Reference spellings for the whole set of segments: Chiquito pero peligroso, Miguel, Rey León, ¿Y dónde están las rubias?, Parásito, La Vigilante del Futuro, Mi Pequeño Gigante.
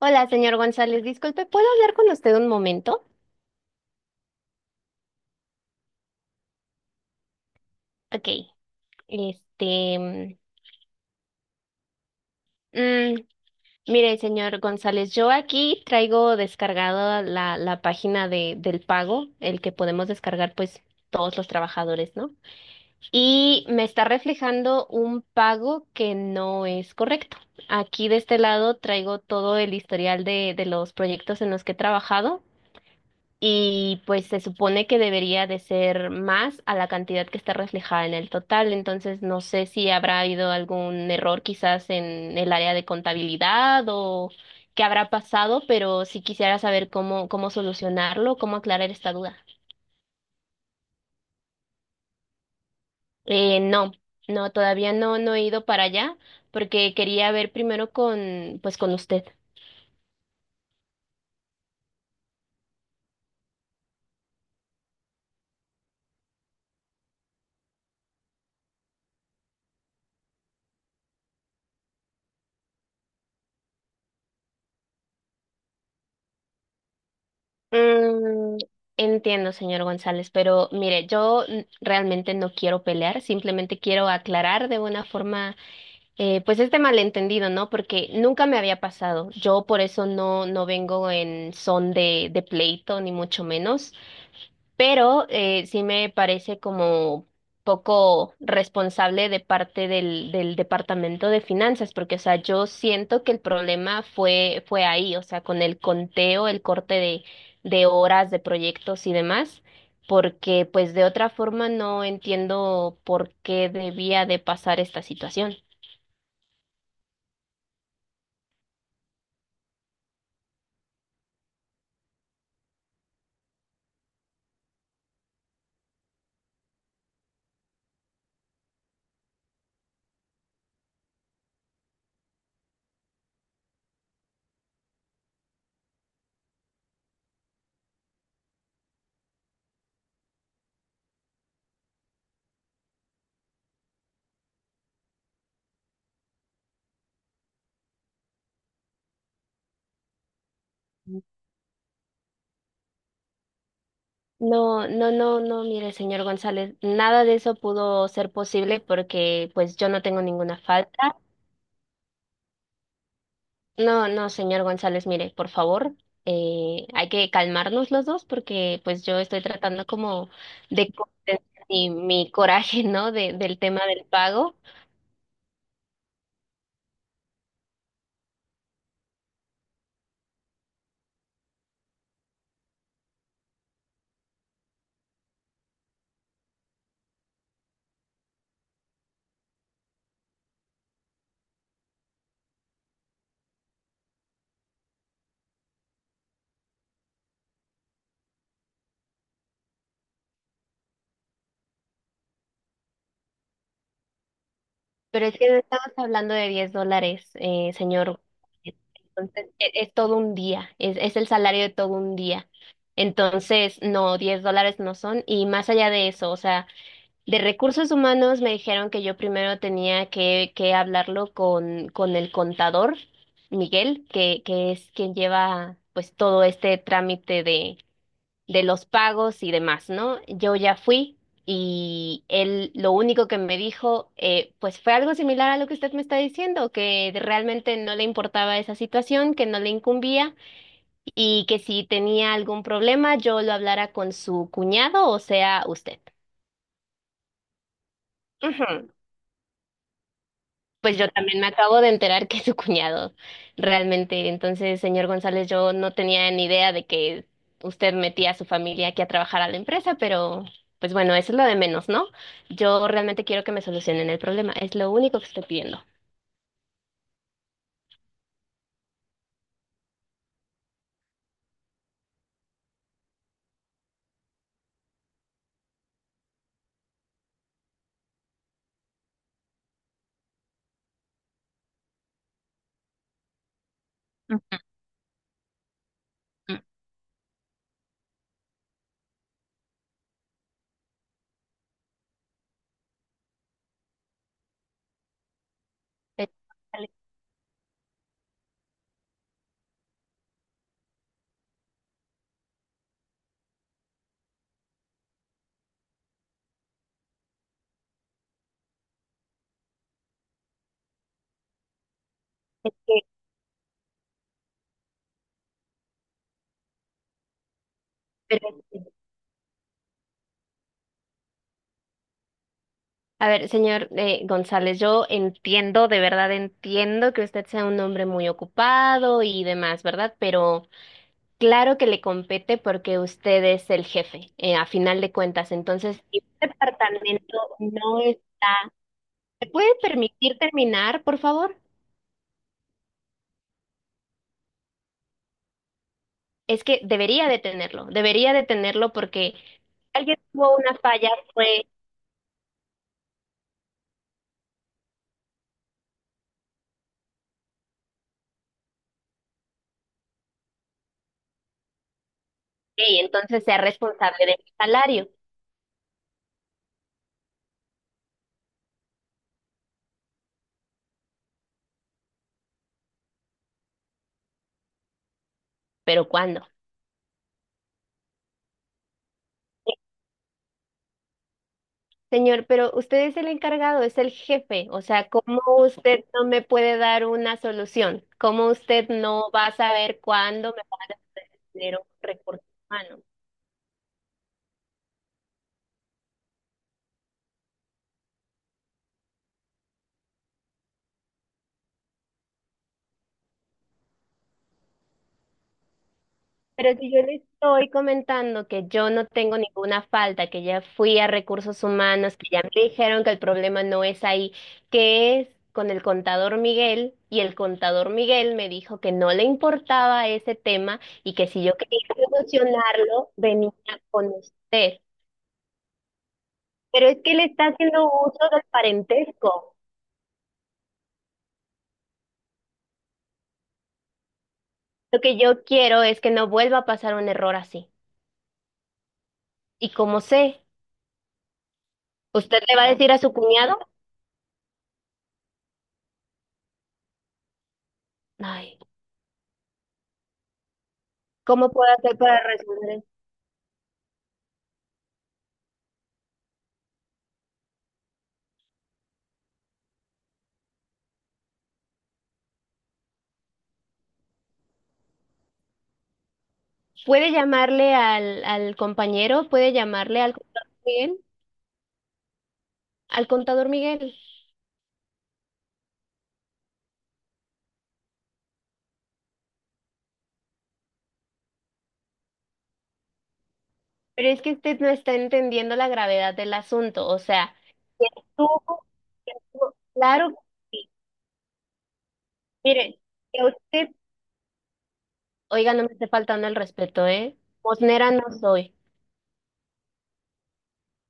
Hola, señor González, disculpe, ¿puedo hablar con usted un momento? Ok, este, mm, mm, mire, señor González, yo aquí traigo descargada la página del pago, el que podemos descargar pues todos los trabajadores, ¿no? Y me está reflejando un pago que no es correcto. Aquí de este lado traigo todo el historial de los proyectos en los que he trabajado y pues se supone que debería de ser más a la cantidad que está reflejada en el total. Entonces, no sé si habrá habido algún error quizás en el área de contabilidad o qué habrá pasado, pero sí quisiera saber cómo, cómo solucionarlo, cómo aclarar esta duda. No, no, todavía no, no he ido para allá porque quería ver primero pues con usted. Mm, Entiendo, señor González, pero mire, yo realmente no quiero pelear, simplemente quiero aclarar de una forma, pues este malentendido, ¿no? Porque nunca me había pasado. Yo por eso no, no vengo en son de pleito, ni mucho menos, pero sí me parece como poco responsable de parte del Departamento de Finanzas, porque, o sea, yo siento que el problema fue ahí, o sea, con el conteo, el corte de horas, de proyectos y demás, porque pues de otra forma no entiendo por qué debía de pasar esta situación. No, no, no, no, mire, señor González, nada de eso pudo ser posible porque pues yo no tengo ninguna falta. No, no, señor González, mire, por favor, hay que calmarnos los dos porque pues yo estoy tratando como de contener mi coraje, ¿no? Del tema del pago, pero es que no estamos hablando de $10, señor. Entonces, es, todo un día, es el salario de todo un día. Entonces, no, $10 no son. Y más allá de eso, o sea, de recursos humanos me dijeron que yo primero tenía que hablarlo con el contador, Miguel, que es quien lleva pues todo este trámite de los pagos y demás, ¿no? Yo ya fui y él lo único que me dijo, pues fue algo similar a lo que usted me está diciendo, que realmente no le importaba esa situación, que no le incumbía y que si tenía algún problema yo lo hablara con su cuñado, o sea, usted. Ujú. Pues yo también me acabo de enterar que es su cuñado, realmente. Entonces, señor González, yo no tenía ni idea de que usted metía a su familia aquí a trabajar a la empresa, pero pues bueno, eso es lo de menos, ¿no? Yo realmente quiero que me solucionen el problema, es lo único que estoy pidiendo. Mm. Eh, vale, es que- pero- a ver, señor González, yo entiendo, de verdad entiendo que usted sea un hombre muy ocupado y demás, ¿verdad? Pero... Claro que le compete porque usted es el jefe, a final de cuentas. Entonces, si un departamento no es... ¿Me puede permitir terminar, por favor? Es que debería de tenerlo porque alguien tuvo una falla, fue, "Ey, entonces sea responsable de mi salario. ¿Pero cuándo? Señor, pero usted es el encargado, es el jefe. O sea, ¿cómo usted no me puede dar una solución? ¿Cómo usted no va a saber cuándo me va a dar el dinero recursos humanos? Pero si yo le estoy comentando que yo no tengo ninguna falta, que ya fui a recursos humanos, que ya me dijeron que el problema no es ahí, que es con el contador Miguel, y el contador Miguel me dijo que no le importaba ese tema y que si yo quería solucionarlo, venía con usted. Pero es que le está haciendo uso del parentesco. Lo que yo quiero es que no vuelva a pasar un error así. Y como sé, ¿usted le va a decir a su cuñado? Ay. ¿Cómo puedo hacer para resolver? Puede llamarle al compañero, puede llamarle al contador Miguel, pero es que usted no está entendiendo la gravedad del asunto. O sea, tú, claro que sí. Mire, que usted, oiga, no me esté faltando el respeto, ¿eh? Mosnera no soy.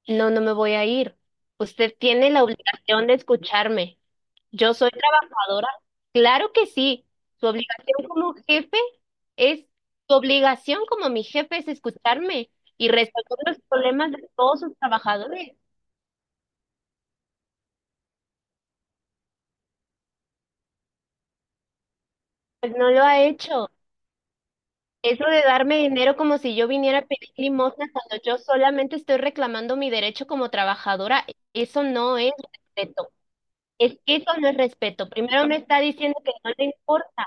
No, no me voy a ir. Usted tiene la obligación de escucharme. Yo soy trabajadora. Claro que sí. Su obligación como jefe es, su obligación como mi jefe es escucharme y resolver los problemas de todos sus trabajadores. Pues no lo ha hecho. Eso de darme dinero como si yo viniera a pedir limosna cuando yo solamente estoy reclamando mi derecho como trabajadora, eso no es respeto. Es que eso no es respeto. Primero me está diciendo que no le importa.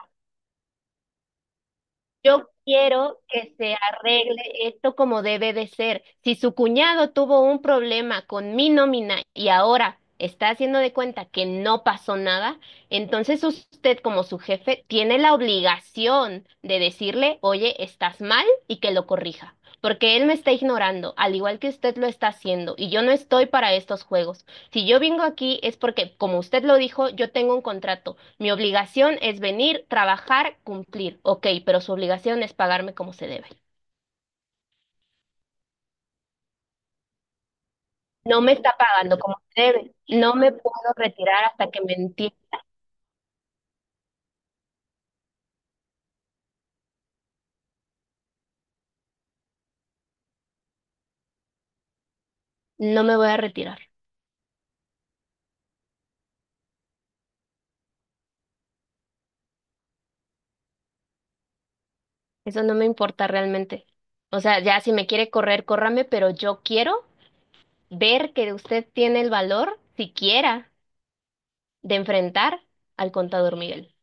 Yo quiero que se arregle esto como debe de ser. Si su cuñado tuvo un problema con mi nómina y ahora está haciendo de cuenta que no pasó nada, entonces usted como su jefe tiene la obligación de decirle, oye, estás mal y que lo corrija. Porque él me está ignorando, al igual que usted lo está haciendo, y yo no estoy para estos juegos. Si yo vengo aquí es porque, como usted lo dijo, yo tengo un contrato. Mi obligación es venir, trabajar, cumplir. Ok, pero su obligación es pagarme como se debe. No me está pagando como se debe. No me puedo retirar hasta que me entienda. No me voy a retirar. Eso no me importa realmente. O sea, ya si me quiere correr, córrame, pero yo quiero ver que usted tiene el valor, siquiera, de enfrentar al contador Miguel.